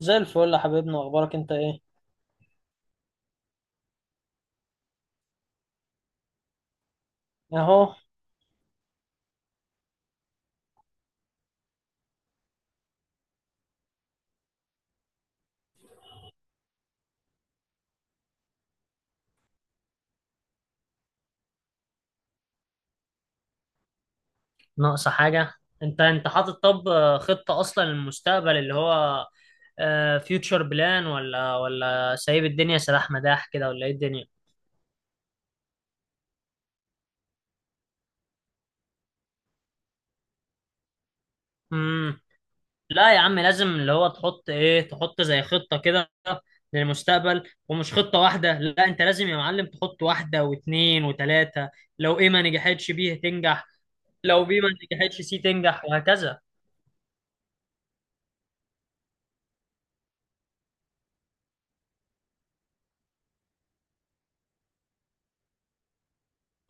زي الفل يا حبيبنا. اخبارك انت ايه؟ اهو. ناقصة حاجة؟ انت حاطط طب، خطة اصلا للمستقبل اللي هو فيوتشر بلان، ولا سايب الدنيا سلاح مداح كده، ولا ايه الدنيا؟ امم. لا يا عم، لازم اللي هو تحط ايه، تحط زي خطة كده للمستقبل. ومش خطة واحدة، لا، انت لازم يا معلم تحط واحدة واتنين وتلاتة. لو ايه ما نجحتش بيه تنجح، لو بيه ما نجحتش سي تنجح، وهكذا.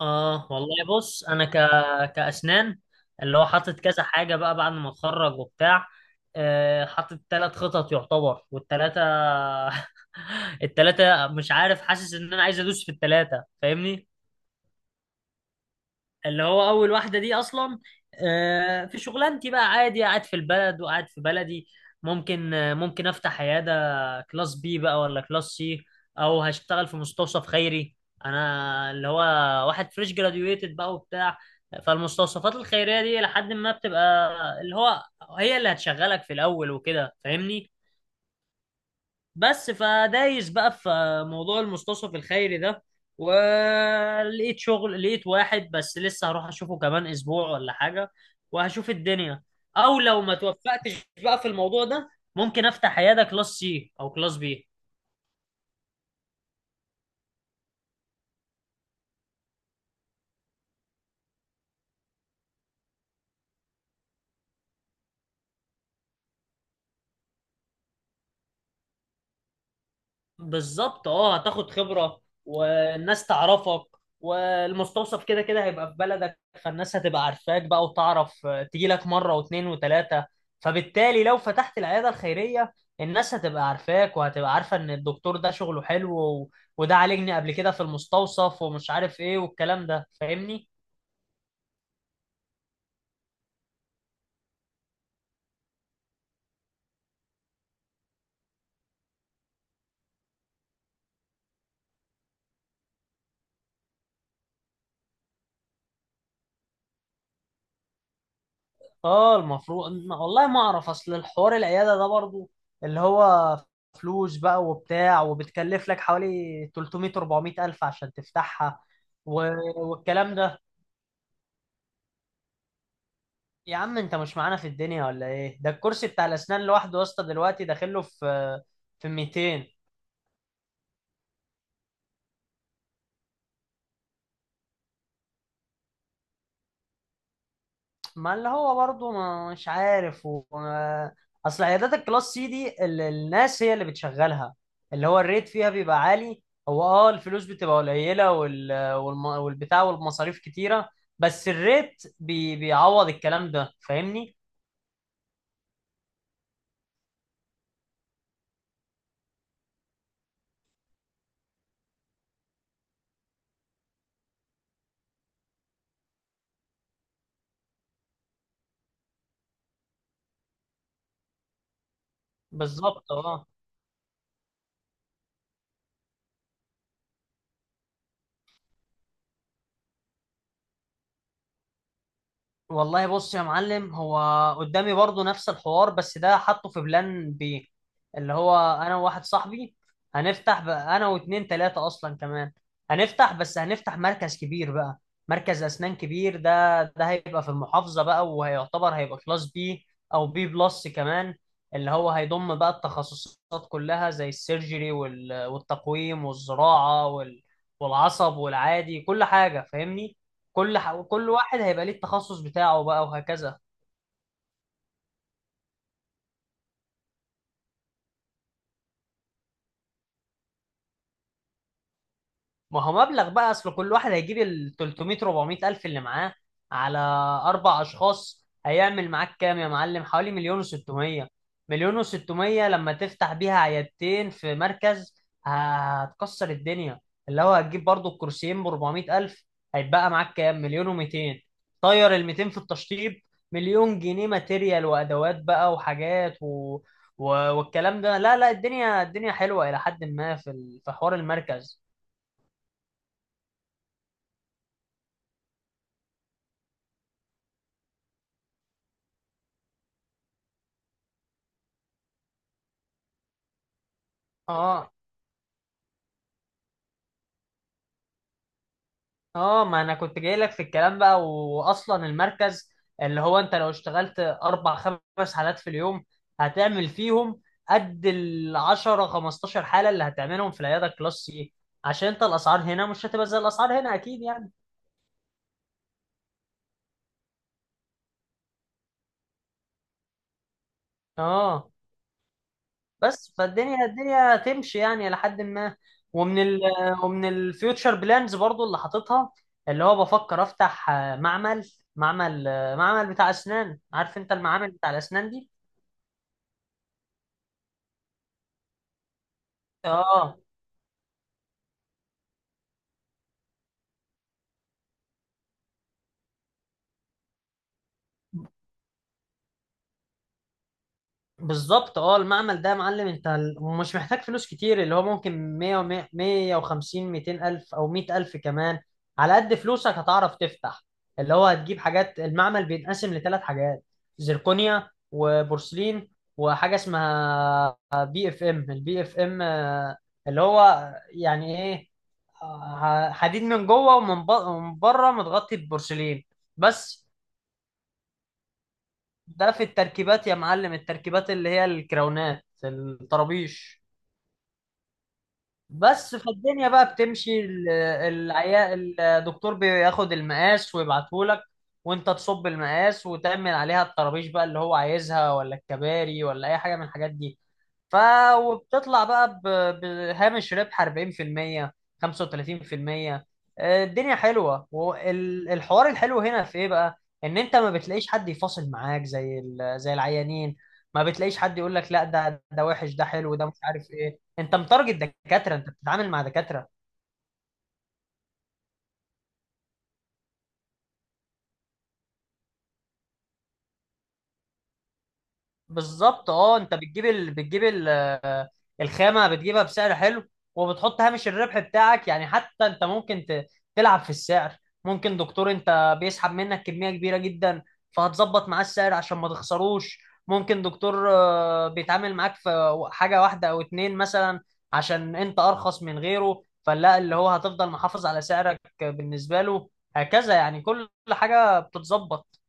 اه والله بص، انا كاسنان. اللي هو حاطط كذا حاجه بقى بعد ما اتخرج وبتاع، حاطط ثلاث خطط يعتبر، والثلاثه الثلاثه مش عارف، حاسس ان انا عايز ادوس في الثلاثه، فاهمني؟ اللي هو اول واحده دي اصلا، في شغلانتي بقى، عادي قاعد في البلد وقاعد في بلدي. ممكن افتح عياده كلاس بي بقى، ولا كلاس سي، او هشتغل في مستوصف خيري. انا اللي هو واحد فريش جراديويتد بقى وبتاع، فالمستوصفات الخيريه دي لحد ما بتبقى اللي هو هي اللي هتشغلك في الاول وكده، فاهمني؟ بس فدايس بقى في موضوع المستوصف الخيري ده، ولقيت شغل، لقيت واحد، بس لسه هروح اشوفه كمان اسبوع ولا حاجة، وهشوف الدنيا. او لو ما توفقتش بقى في الموضوع ده، ممكن افتح عيادة كلاس سي او كلاس بي. بالظبط اه، هتاخد خبرة والناس تعرفك، والمستوصف كده كده هيبقى في بلدك، فالناس هتبقى عارفاك بقى وتعرف، تيجي لك مرة واثنين وثلاثة. فبالتالي لو فتحت العيادة الخيرية، الناس هتبقى عارفاك وهتبقى عارفة ان الدكتور ده شغله حلو، وده عالجني قبل كده في المستوصف ومش عارف ايه والكلام ده، فاهمني؟ اه، المفروض والله ما اعرف. اصل الحوار العياده ده برضو اللي هو فلوس بقى وبتاع، وبتكلف لك حوالي 300 400 الف عشان تفتحها، و... والكلام ده. يا عم، انت مش معانا في الدنيا ولا ايه؟ ده الكرسي بتاع الاسنان لوحده يا اسطى دلوقتي داخله في في 200. ما اللي هو برضه، مش عارف، اصل عيادات الكلاس سي دي الناس هي اللي بتشغلها، اللي هو الريت فيها بيبقى عالي. هو اه، الفلوس بتبقى قليلة والبتاع والمصاريف كتيرة، بس الريت بيعوض الكلام ده، فاهمني؟ بالظبط اه. والله بص يا معلم، هو قدامي برضو نفس الحوار بس ده حاطه في بلان بي. اللي هو انا وواحد صاحبي هنفتح بقى، انا واتنين تلاتة اصلا كمان، هنفتح مركز كبير بقى، مركز اسنان كبير. ده هيبقى في المحافظة بقى، وهيعتبر هيبقى كلاس بي او بي بلس كمان. اللي هو هيضم بقى التخصصات كلها زي السيرجري، والتقويم والزراعة، والعصب والعادي، كل حاجة فاهمني. كل واحد هيبقى ليه التخصص بتاعه بقى، وهكذا. ما هو مبلغ بقى، اصل كل واحد هيجيب ال 300 400 الف اللي معاه، على اربع اشخاص هيعمل معاك كام يا معلم؟ حوالي مليون و600. لما تفتح بيها عيادتين في مركز هتكسر الدنيا. اللي هو هتجيب برضو الكرسيين ب 400 الف، هيتبقى معاك كام؟ مليون و200. طير ال 200 في التشطيب، مليون جنيه ماتيريال وادوات بقى وحاجات، والكلام ده. لا لا، الدنيا الدنيا حلوة الى حد ما في حوار المركز. اه اه، ما انا كنت جاي لك في الكلام بقى. واصلا المركز اللي هو انت لو اشتغلت اربع خمس حالات في اليوم، هتعمل فيهم قد ال 10 15 حاله اللي هتعملهم في العياده كلاس سي، عشان انت الاسعار هنا مش هتبقى زي الاسعار هنا اكيد يعني. اه بس فالدنيا الدنيا تمشي يعني لحد ما. ومن ال ومن الفيوتشر بلانز برضو اللي حاططها، اللي هو بفكر افتح معمل بتاع اسنان. عارف انت المعامل بتاع الاسنان دي؟ اه بالظبط اه. المعمل ده يا معلم، انت مش محتاج فلوس كتير، اللي هو ممكن 100 150 200 الف او 100 الف كمان، على قد فلوسك هتعرف تفتح. اللي هو هتجيب حاجات المعمل، بينقسم لثلاث حاجات: زركونيا وبورسلين، وحاجه اسمها بي اف ام. البي اف ام اللي هو يعني ايه؟ حديد من جوه ومن بره متغطي ببورسلين. بس ده في التركيبات يا معلم، التركيبات اللي هي الكراونات الطرابيش. بس في الدنيا بقى بتمشي ال- العيا الدكتور بياخد المقاس ويبعتهولك، وانت تصب المقاس وتعمل عليها الطرابيش بقى اللي هو عايزها، ولا الكباري، ولا اي حاجه من الحاجات دي. ف وبتطلع بقى بهامش ربح 40% 35%. الدنيا حلوه. والحوار الحلو هنا في ايه بقى؟ ان انت ما بتلاقيش حد يفاصل معاك زي زي العيانين، ما بتلاقيش حد يقول لك: لا، ده وحش، ده حلو، ده مش عارف ايه، انت متارجت دكاتره، انت بتتعامل مع دكاتره. بالظبط اه. انت بتجيب ال... بتجيب ال... آه، الخامه بتجيبها بسعر حلو. وبتحط هامش الربح بتاعك، يعني حتى انت ممكن تلعب في السعر. ممكن دكتور انت بيسحب منك كميه كبيره جدا، فهتظبط معاه السعر عشان ما تخسروش. ممكن دكتور بيتعامل معاك في حاجه واحده او اتنين مثلا، عشان انت ارخص من غيره، فلا اللي هو هتفضل محافظ على سعرك بالنسبه له. هكذا يعني كل حاجه بتتظبط.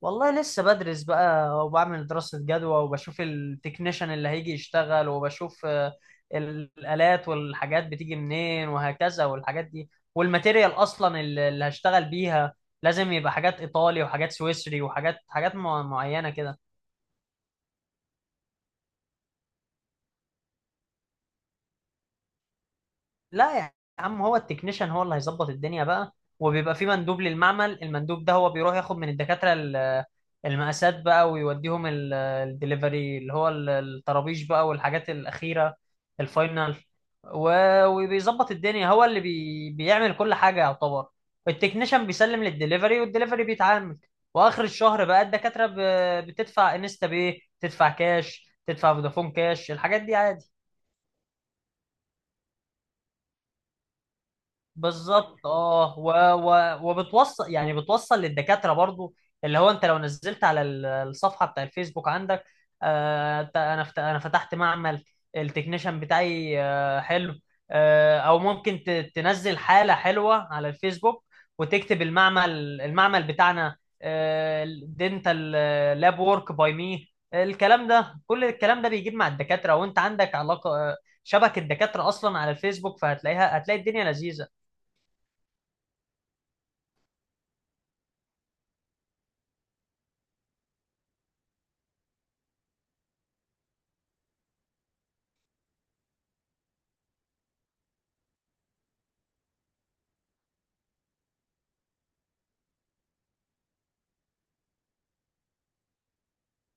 والله لسه بدرس بقى، وبعمل دراسة جدوى، وبشوف التكنيشن اللي هيجي يشتغل، وبشوف الآلات والحاجات بتيجي منين، وهكذا. والحاجات دي والماتيريال أصلا اللي هشتغل بيها لازم يبقى حاجات إيطالي وحاجات سويسري حاجات معينة كده. لا يا عم، هو التكنيشن هو اللي هيظبط الدنيا بقى. وبيبقى في مندوب للمعمل. المندوب ده هو بيروح ياخد من الدكاترة المقاسات بقى، ويوديهم الدليفري اللي هو الطرابيش بقى والحاجات الأخيرة، الفاينل. وبيظبط الدنيا، هو اللي بيعمل كل حاجة يعتبر. التكنيشن بيسلم للدليفري، والدليفري بيتعامل. وآخر الشهر بقى الدكاترة بتدفع انستا باي، تدفع كاش، تدفع فودافون كاش، الحاجات دي عادي. بالظبط اه. وبتوصل، يعني بتوصل للدكاتره برضو. اللي هو انت لو نزلت على الصفحه بتاع الفيسبوك عندك، انا فتحت معمل التكنيشن بتاعي. حلو. او ممكن تنزل حاله حلوه على الفيسبوك، وتكتب المعمل بتاعنا: دينتال لاب وورك باي مي. الكلام ده كل الكلام ده بيجيب مع الدكاتره. وانت عندك علاقه، شبكه دكاتره اصلا على الفيسبوك، فهتلاقيها هتلاقي الدنيا لذيذه.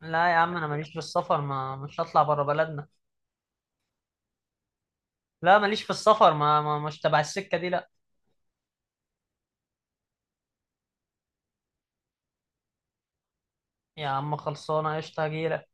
لا يا عم، انا ماليش في السفر. ما مش هطلع بره بلدنا. لا، ماليش في السفر. ما مش تبع السكه دي، لا. يا عم، خلصانه قشطه، هجيلك.